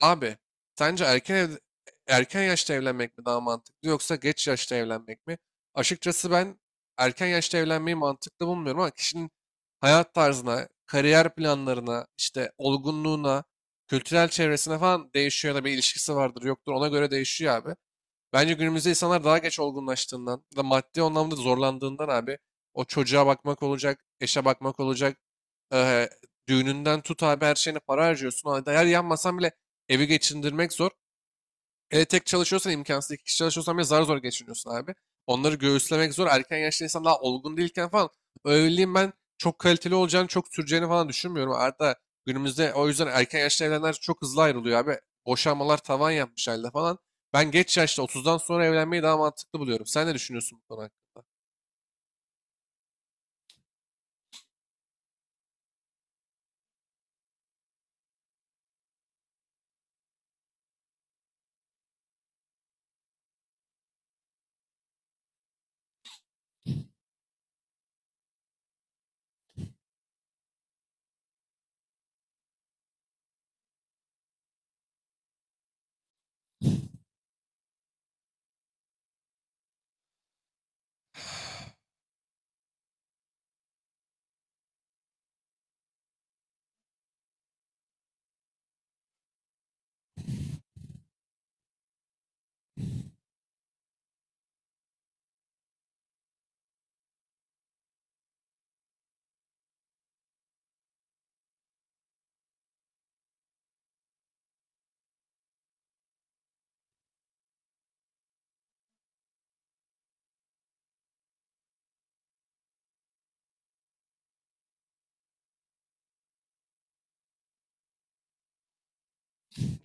Abi, sence erken ev, erken yaşta evlenmek mi daha mantıklı yoksa geç yaşta evlenmek mi? Açıkçası ben erken yaşta evlenmeyi mantıklı bulmuyorum ama kişinin hayat tarzına, kariyer planlarına, işte olgunluğuna, kültürel çevresine falan değişiyor ya da bir ilişkisi vardır yoktur ona göre değişiyor abi. Bence günümüzde insanlar daha geç olgunlaştığından da maddi anlamda zorlandığından abi o çocuğa bakmak olacak, eşe bakmak olacak, eee, düğününden tut abi her şeyine para harcıyorsun. O eğer yanmasan bile evi geçindirmek zor. Hele tek çalışıyorsan imkansız. İki kişi çalışıyorsan bile zar zor geçiniyorsun abi. Onları göğüslemek zor. Erken yaşta insan daha olgun değilken falan o evliliğin ben çok kaliteli olacağını, çok süreceğini falan düşünmüyorum. Hatta günümüzde o yüzden erken yaşta evlenenler çok hızlı ayrılıyor abi. Boşanmalar tavan yapmış halde falan. Ben geç yaşta 30'dan sonra evlenmeyi daha mantıklı buluyorum. Sen ne düşünüyorsun bu konu hakkında?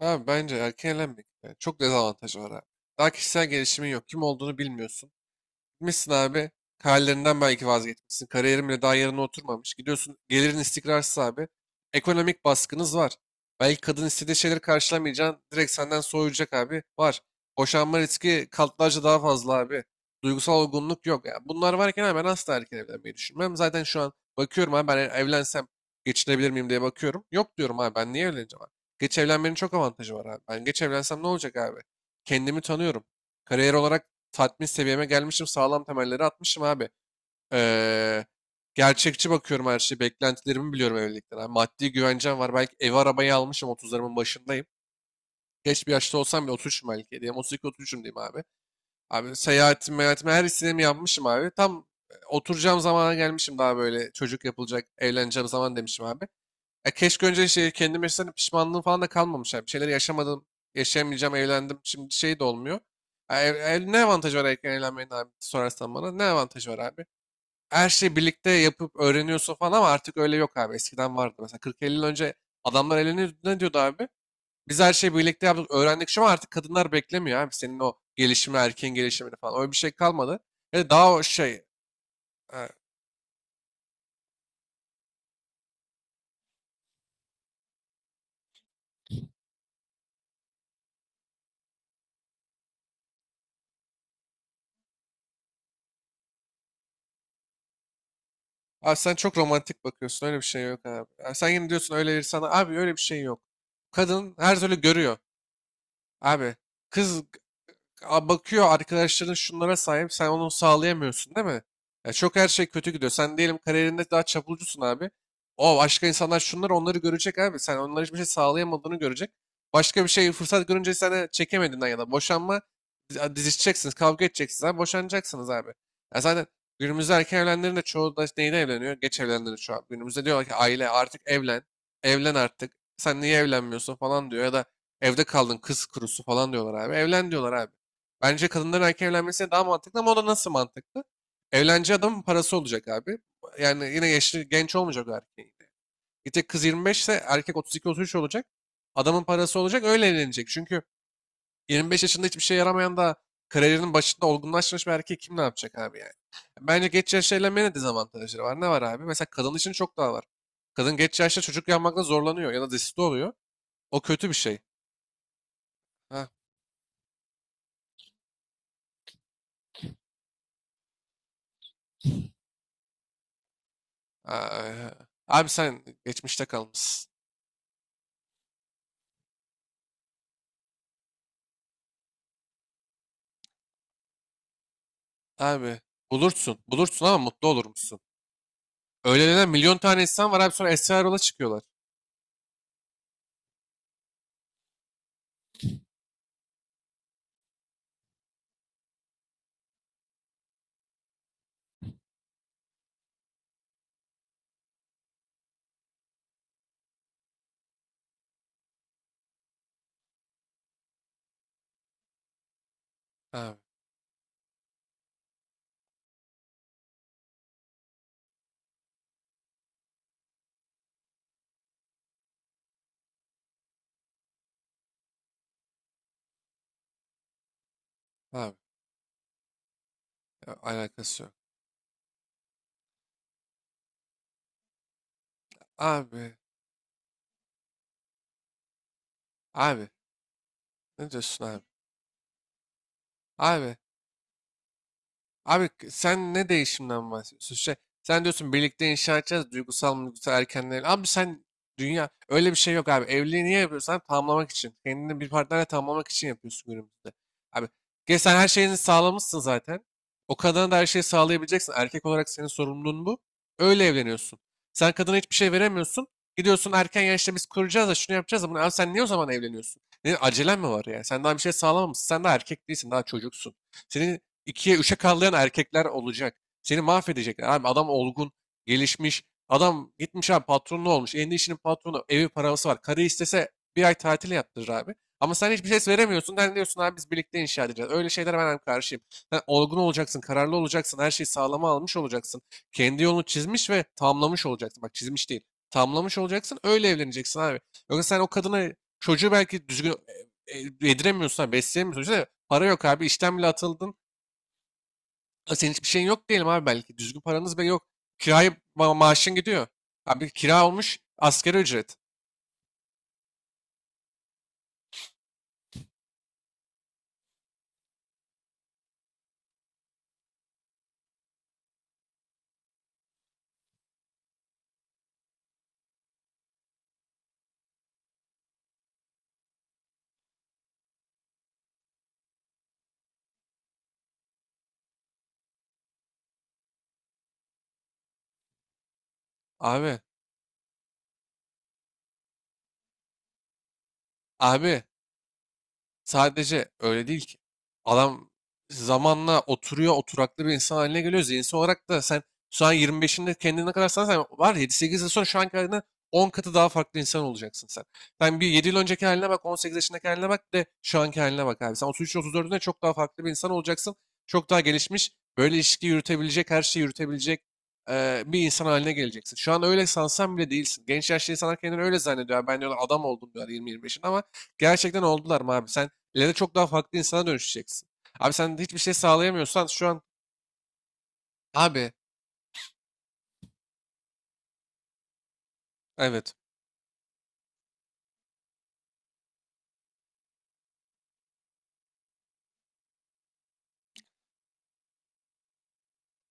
Abi bence erken evlenmek yani çok dezavantajı var abi. Daha kişisel gelişimin yok. Kim olduğunu bilmiyorsun. Gitmişsin abi. Kariyerinden belki vazgeçmişsin. Kariyerin bile daha yerine oturmamış. Gidiyorsun, gelirin istikrarsız abi. Ekonomik baskınız var. Belki kadın istediği şeyleri karşılamayacaksın. Direkt senden soğuyacak abi. Var. Boşanma riski katlarca daha fazla abi. Duygusal olgunluk yok. Yani bunlar varken abi ben asla erken evlenmeyi düşünmem. Zaten şu an bakıyorum abi, ben evlensem geçinebilir miyim diye bakıyorum. Yok diyorum abi, ben niye evleneceğim abi. Geç evlenmenin çok avantajı var abi. Ben geç evlensem ne olacak abi? Kendimi tanıyorum. Kariyer olarak tatmin seviyeme gelmişim. Sağlam temelleri atmışım abi. Ee, gerçekçi bakıyorum her şeye. Beklentilerimi biliyorum evlilikten abi. Maddi güvencem var. Belki ev arabayı almışım. 30'larımın başındayım. Geç bir yaşta olsam bile 33'üm belki. Diyeyim. 32-33'üm diyeyim abi. Abi seyahatim, meyahatim her istediğimi yapmışım abi. Tam oturacağım zamana gelmişim, daha böyle çocuk yapılacak, evleneceğim zaman demişim abi. Ya keşke önce şey, kendime yaşasaydım pişmanlığım falan da kalmamış. Yani bir şeyler yaşamadım, yaşayamayacağım, evlendim. Şimdi şey de olmuyor. Ne avantajı var erken evlenmenin abi sorarsan bana. Ne avantajı var abi? Her şeyi birlikte yapıp öğreniyorsun falan ama artık öyle yok abi. Eskiden vardı. Mesela 40-50 yıl önce adamlar evleniyordu. Ne diyordu abi? Biz her şeyi birlikte yaptık, öğrendik. Şu an artık kadınlar beklemiyor abi. Senin o gelişimi, erkeğin gelişimini falan. Öyle bir şey kalmadı. Ya da daha o şey, abi sen çok romantik bakıyorsun. Öyle bir şey yok abi. Ya sen yine diyorsun öyle bir sana. Abi öyle bir şey yok. Kadın her türlü görüyor. Abi kız bakıyor, arkadaşların şunlara sahip, sen onu sağlayamıyorsun değil mi? Ya çok her şey kötü gidiyor. Sen diyelim kariyerinde daha çapulcusun abi. O başka insanlar şunları onları görecek abi. Sen onlara hiçbir şey sağlayamadığını görecek. Başka bir şey fırsat görünce sana çekemediğinden ya da boşanma dizişeceksiniz, kavga edeceksiniz abi, boşanacaksınız abi. Ya zaten günümüzde erken evlenenlerin de çoğu da neyle evleniyor? Geç evlenenlerin şu an. Günümüzde diyorlar ki aile artık evlen, evlen artık. Sen niye evlenmiyorsun falan diyor ya da evde kaldın, kız kurusu falan diyorlar abi. Evlen diyorlar abi. Bence kadınların erken evlenmesi daha mantıklı ama o da nasıl mantıklı? Evleneceği adamın parası olacak abi. Yani yine yaşlı genç olmayacak o erkeğin. Gidecek kız 25 ise erkek 32-33 olacak. Adamın parası olacak, öyle evlenecek. Çünkü 25 yaşında hiçbir şey yaramayan da kariyerinin başında olgunlaşmış bir erkek kim ne yapacak abi yani? Bence geç yaşta evlenmenin de dezavantajları var. Ne var abi? Mesela kadın için çok daha var. Kadın geç yaşta çocuk yapmakta zorlanıyor ya da desiste oluyor. O kötü bir şey. Ha. Aa, abi sen geçmişte kalmışsın. Abi bulursun. Bulursun ama mutlu olur musun? Öyle denen milyon tane insan var abi, sonra Esra Erol'a çıkıyorlar. Abi abi ya alakası yok. Abi abi ne diyorsun abi? Abi Abi, sen ne değişimden bahsediyorsun? Şey, sen diyorsun birlikte inşa edeceğiz, duygusal duygusal erkenler. Abi sen, dünya öyle bir şey yok abi. Evliliği niye yapıyorsun? Abi, tamamlamak için. Kendini bir partnerle tamamlamak için yapıyorsun günümüzde. Abi gel, sen her şeyini sağlamışsın zaten. O kadına da her şeyi sağlayabileceksin. Erkek olarak senin sorumluluğun bu. Öyle evleniyorsun. Sen kadına hiçbir şey veremiyorsun. Gidiyorsun erken yaşta, biz kuracağız da şunu yapacağız da bunu. Abi sen niye o zaman evleniyorsun? Ne, acelen mi var yani? Sen daha bir şey sağlamamışsın. Sen daha erkek değilsin. Daha çocuksun. Senin 2'ye üçe kallayan erkekler olacak. Seni mahvedecekler. Abi adam olgun, gelişmiş. Adam gitmiş abi, patronlu olmuş. Elinde işinin patronu, evi, parası var. Karı istese bir ay tatil yaptırır abi. Ama sen hiçbir ses veremiyorsun. Sen diyorsun abi biz birlikte inşa edeceğiz. Öyle şeylere ben hem karşıyım. Sen olgun olacaksın, kararlı olacaksın. Her şeyi sağlama almış olacaksın. Kendi yolunu çizmiş ve tamlamış olacaksın. Bak, çizmiş değil. Tamlamış olacaksın. Öyle evleneceksin abi. Yoksa sen o kadına çocuğu belki düzgün yediremiyorsun, besleyemiyorsun. Düşünsene, para yok abi. İşten bile atıldın. Ha, senin hiçbir şeyin yok diyelim abi belki. Düzgün paranız bile yok. Kiraya maaşın gidiyor. Abi kira olmuş asgari ücret. Abi, abi, sadece öyle değil ki. Adam zamanla oturuyor, oturaklı bir insan haline geliyor. Zihinsel olarak da sen şu an 25'inde kendine ne kadar sanırsan var, yedi 8 yıl sonra şu anki halinden 10 katı daha farklı insan olacaksın sen. Sen bir 7 yıl önceki haline bak, 18 yaşındaki haline bak, de şu anki haline bak abi. Sen 33-34'ünde çok daha farklı bir insan olacaksın. Çok daha gelişmiş, böyle ilişki yürütebilecek, her şeyi yürütebilecek bir insan haline geleceksin. Şu an öyle sansan bile değilsin. Genç yaşlı insanlar kendini öyle zannediyor. Ben, diyorlar, adam oldum diyorlar 20-25'in ama gerçekten oldular mı abi? Sen İleride çok daha farklı insana dönüşeceksin. Abi sen hiçbir şey sağlayamıyorsan şu an abi, evet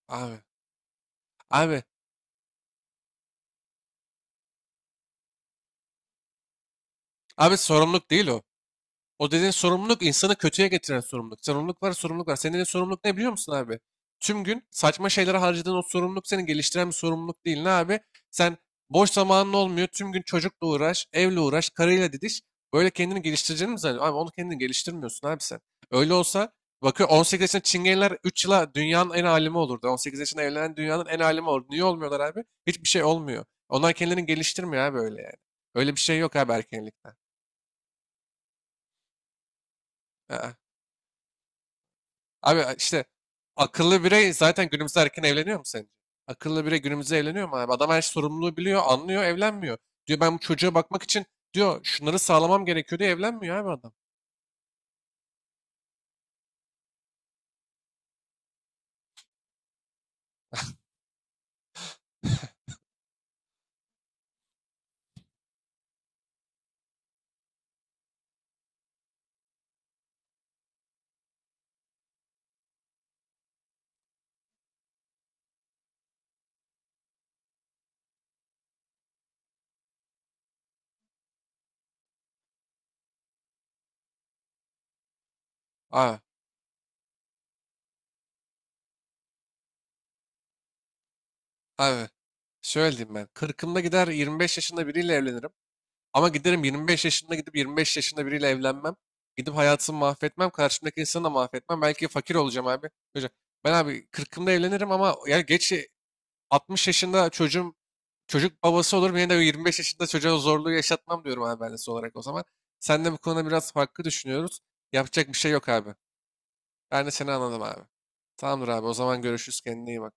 abi, abi abi, sorumluluk değil o. O dediğin sorumluluk insanı kötüye getiren sorumluluk. Sorumluluk var, sorumluluk var. Senin dediğin sorumluluk ne biliyor musun abi? Tüm gün saçma şeylere harcadığın o sorumluluk seni geliştiren bir sorumluluk değil, ne abi? Sen, boş zamanın olmuyor. Tüm gün çocukla uğraş, evle uğraş, karıyla didiş. Böyle kendini geliştireceğini mi zannediyorsun? Abi onu kendini geliştirmiyorsun abi sen. Öyle olsa bakıyor 18 yaşında çingeneler 3 yıla dünyanın en alimi olurdu. 18 yaşında evlenen dünyanın en alimi olurdu. Niye olmuyorlar abi? Hiçbir şey olmuyor. Onlar kendilerini geliştirmiyor abi öyle yani. Öyle bir şey yok abi erkenlikten. Aa. Abi işte, akıllı birey zaten günümüzde erken evleniyor mu sence? Akıllı birey günümüzde evleniyor mu abi? Adam her sorumluluğu biliyor, anlıyor, evlenmiyor. Diyor ben bu çocuğa bakmak için, diyor şunları sağlamam gerekiyor diye evlenmiyor abi adam. Abi, abi, şöyle diyeyim ben. 40'ımda gider 25 yaşında biriyle evlenirim. Ama giderim 25 yaşında, gidip 25 yaşında biriyle evlenmem. Gidip hayatımı mahvetmem. Karşımdaki insanı da mahvetmem. Belki fakir olacağım abi. Hocam, ben abi 40'ımda evlenirim ama ya geç, 60 yaşında çocuğum, çocuk babası olurum yine de 25 yaşında çocuğa zorluğu yaşatmam diyorum abi ben de son olarak o zaman. Sen de bu konuda biraz farklı düşünüyoruz. Yapacak bir şey yok abi. Ben de seni anladım abi. Tamamdır abi, o zaman görüşürüz, kendine iyi bak.